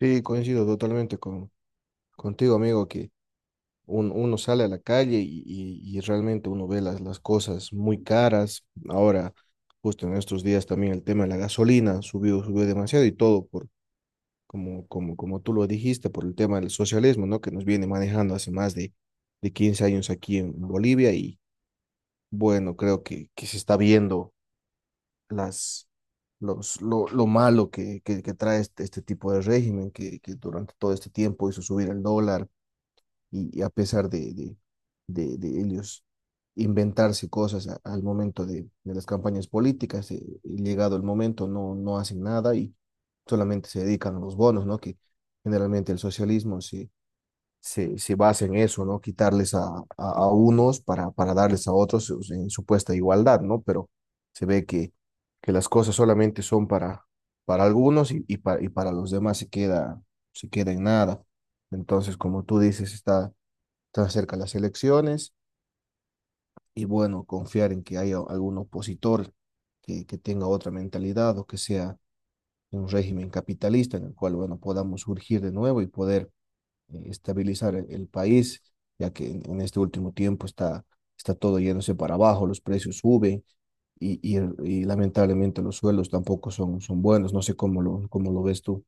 Sí, coincido totalmente contigo, amigo, que uno sale a la calle y, y realmente uno ve las cosas muy caras. Ahora, justo en estos días también el tema de la gasolina subió demasiado y todo como tú lo dijiste, por el tema del socialismo, ¿no? Que nos viene manejando hace más de 15 años aquí en Bolivia. Y bueno, creo que se está viendo las lo malo que trae este tipo de régimen que durante todo este tiempo hizo subir el dólar, y a pesar de ellos inventarse cosas al momento de las campañas políticas, y llegado el momento no hacen nada y solamente se dedican a los bonos, ¿no? Que generalmente el socialismo se basa en eso, ¿no? Quitarles a unos para darles a otros, o sea, en supuesta igualdad, ¿no? Pero se ve que las cosas solamente son para algunos y para los demás se se queda en nada. Entonces, como tú dices, está se cerca las elecciones y bueno, confiar en que haya algún opositor que tenga otra mentalidad o que sea un régimen capitalista en el cual, bueno, podamos surgir de nuevo y poder estabilizar el país, ya que en este último tiempo está todo yéndose para abajo, los precios suben y lamentablemente los sueldos tampoco son buenos, no sé cómo cómo lo ves tú.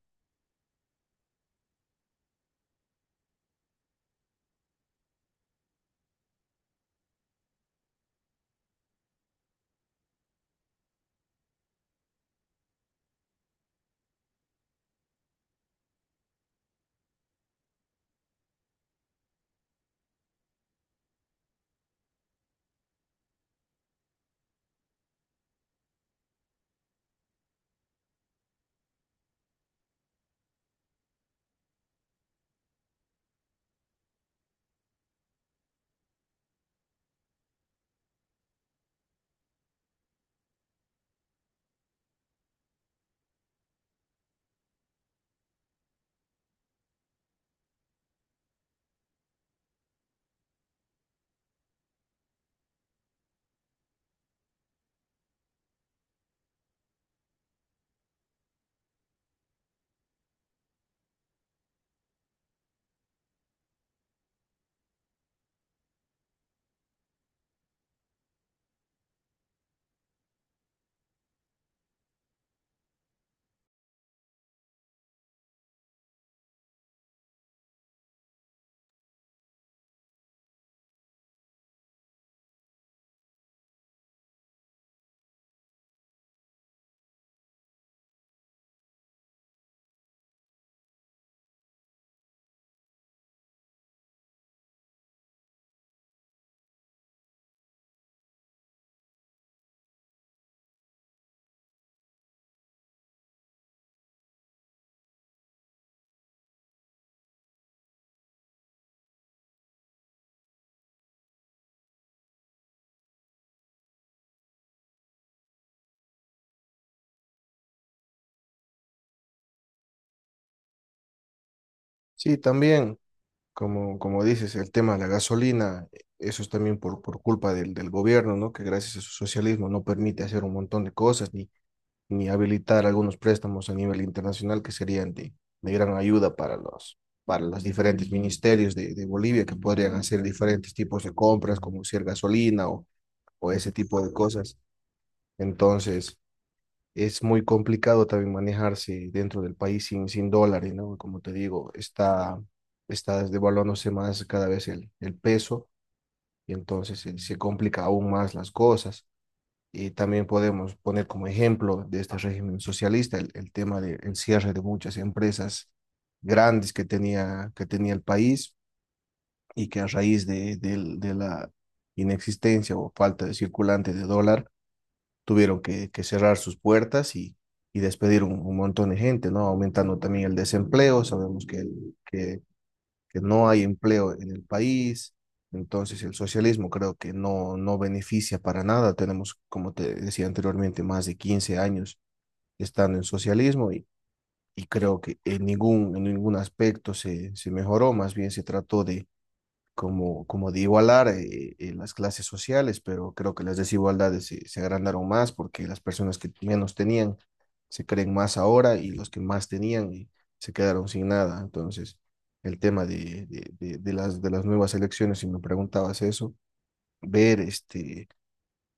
Sí, también. Como dices, el tema de la gasolina, eso es también por culpa del gobierno, ¿no? Que gracias a su socialismo no permite hacer un montón de cosas ni habilitar algunos préstamos a nivel internacional que serían de gran ayuda para para los diferentes ministerios de Bolivia, que podrían hacer diferentes tipos de compras, como ser gasolina o ese tipo de cosas. Entonces, es muy complicado también manejarse dentro del país sin dólares, ¿no? Como te digo, está devaluándose más cada vez el peso, y entonces se complica aún más las cosas. Y también podemos poner como ejemplo de este régimen socialista el tema del cierre de muchas empresas grandes que tenía el país, y que a raíz de la inexistencia o falta de circulante de dólar, tuvieron que cerrar sus puertas y despedir un montón de gente, ¿no? Aumentando también el desempleo, sabemos que no hay empleo en el país. Entonces el socialismo creo que no beneficia para nada, tenemos, como te decía anteriormente, más de 15 años estando en socialismo, y creo que en en ningún aspecto se mejoró, más bien se trató de como de igualar las clases sociales, pero creo que las desigualdades se agrandaron más, porque las personas que menos tenían se creen más ahora y los que más tenían se quedaron sin nada. Entonces, el tema de de las nuevas elecciones, si me preguntabas eso, ver este...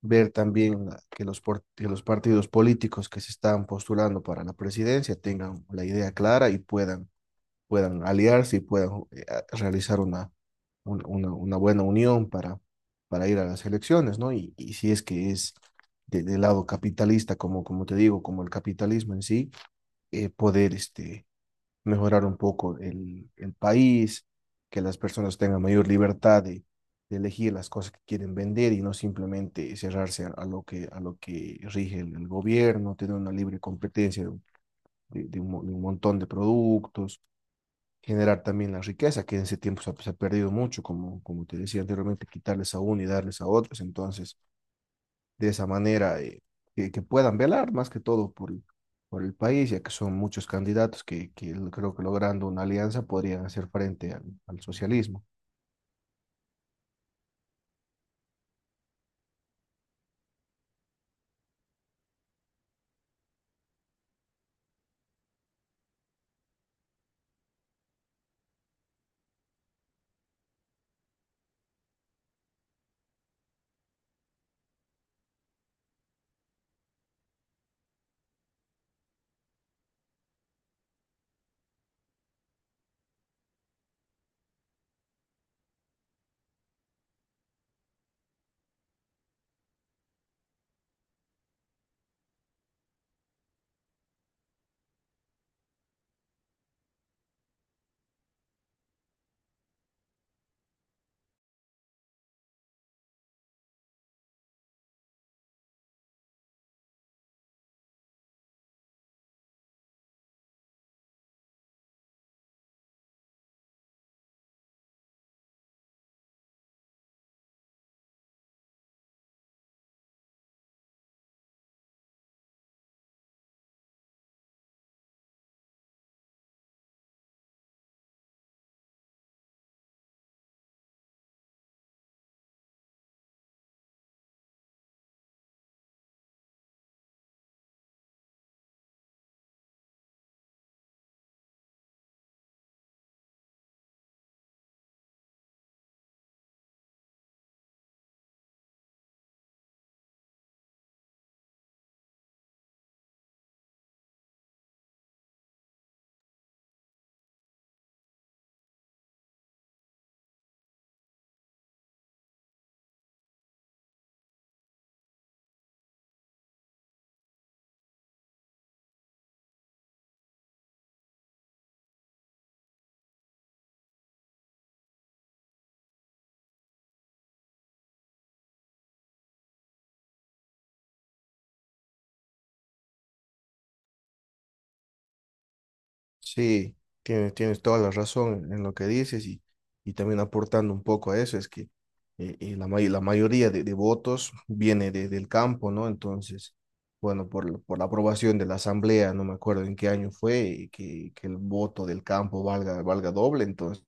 ver también que que los partidos políticos que se están postulando para la presidencia tengan la idea clara y puedan aliarse y puedan realizar una buena unión para ir a las elecciones, ¿no? Y si es que es del lado capitalista, como, como te digo, como el capitalismo en sí, poder este, mejorar un poco el país, que las personas tengan mayor libertad de elegir las cosas que quieren vender y no simplemente cerrarse a lo a lo que rige el gobierno, tener una libre competencia de un montón de productos, generar también la riqueza, que en ese tiempo se ha perdido mucho, como, como te decía anteriormente, quitarles a uno y darles a otros. Entonces, de esa manera, que puedan velar más que todo por el país, ya que son muchos candidatos que creo que logrando una alianza podrían hacer frente al socialismo. Sí, tienes toda la razón en lo que dices, y también aportando un poco a eso, es que la mayoría de votos viene del campo, ¿no? Entonces, bueno, por la aprobación de la asamblea, no me acuerdo en qué año fue, y que el voto del campo valga doble, entonces,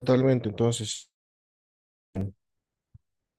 totalmente, entonces.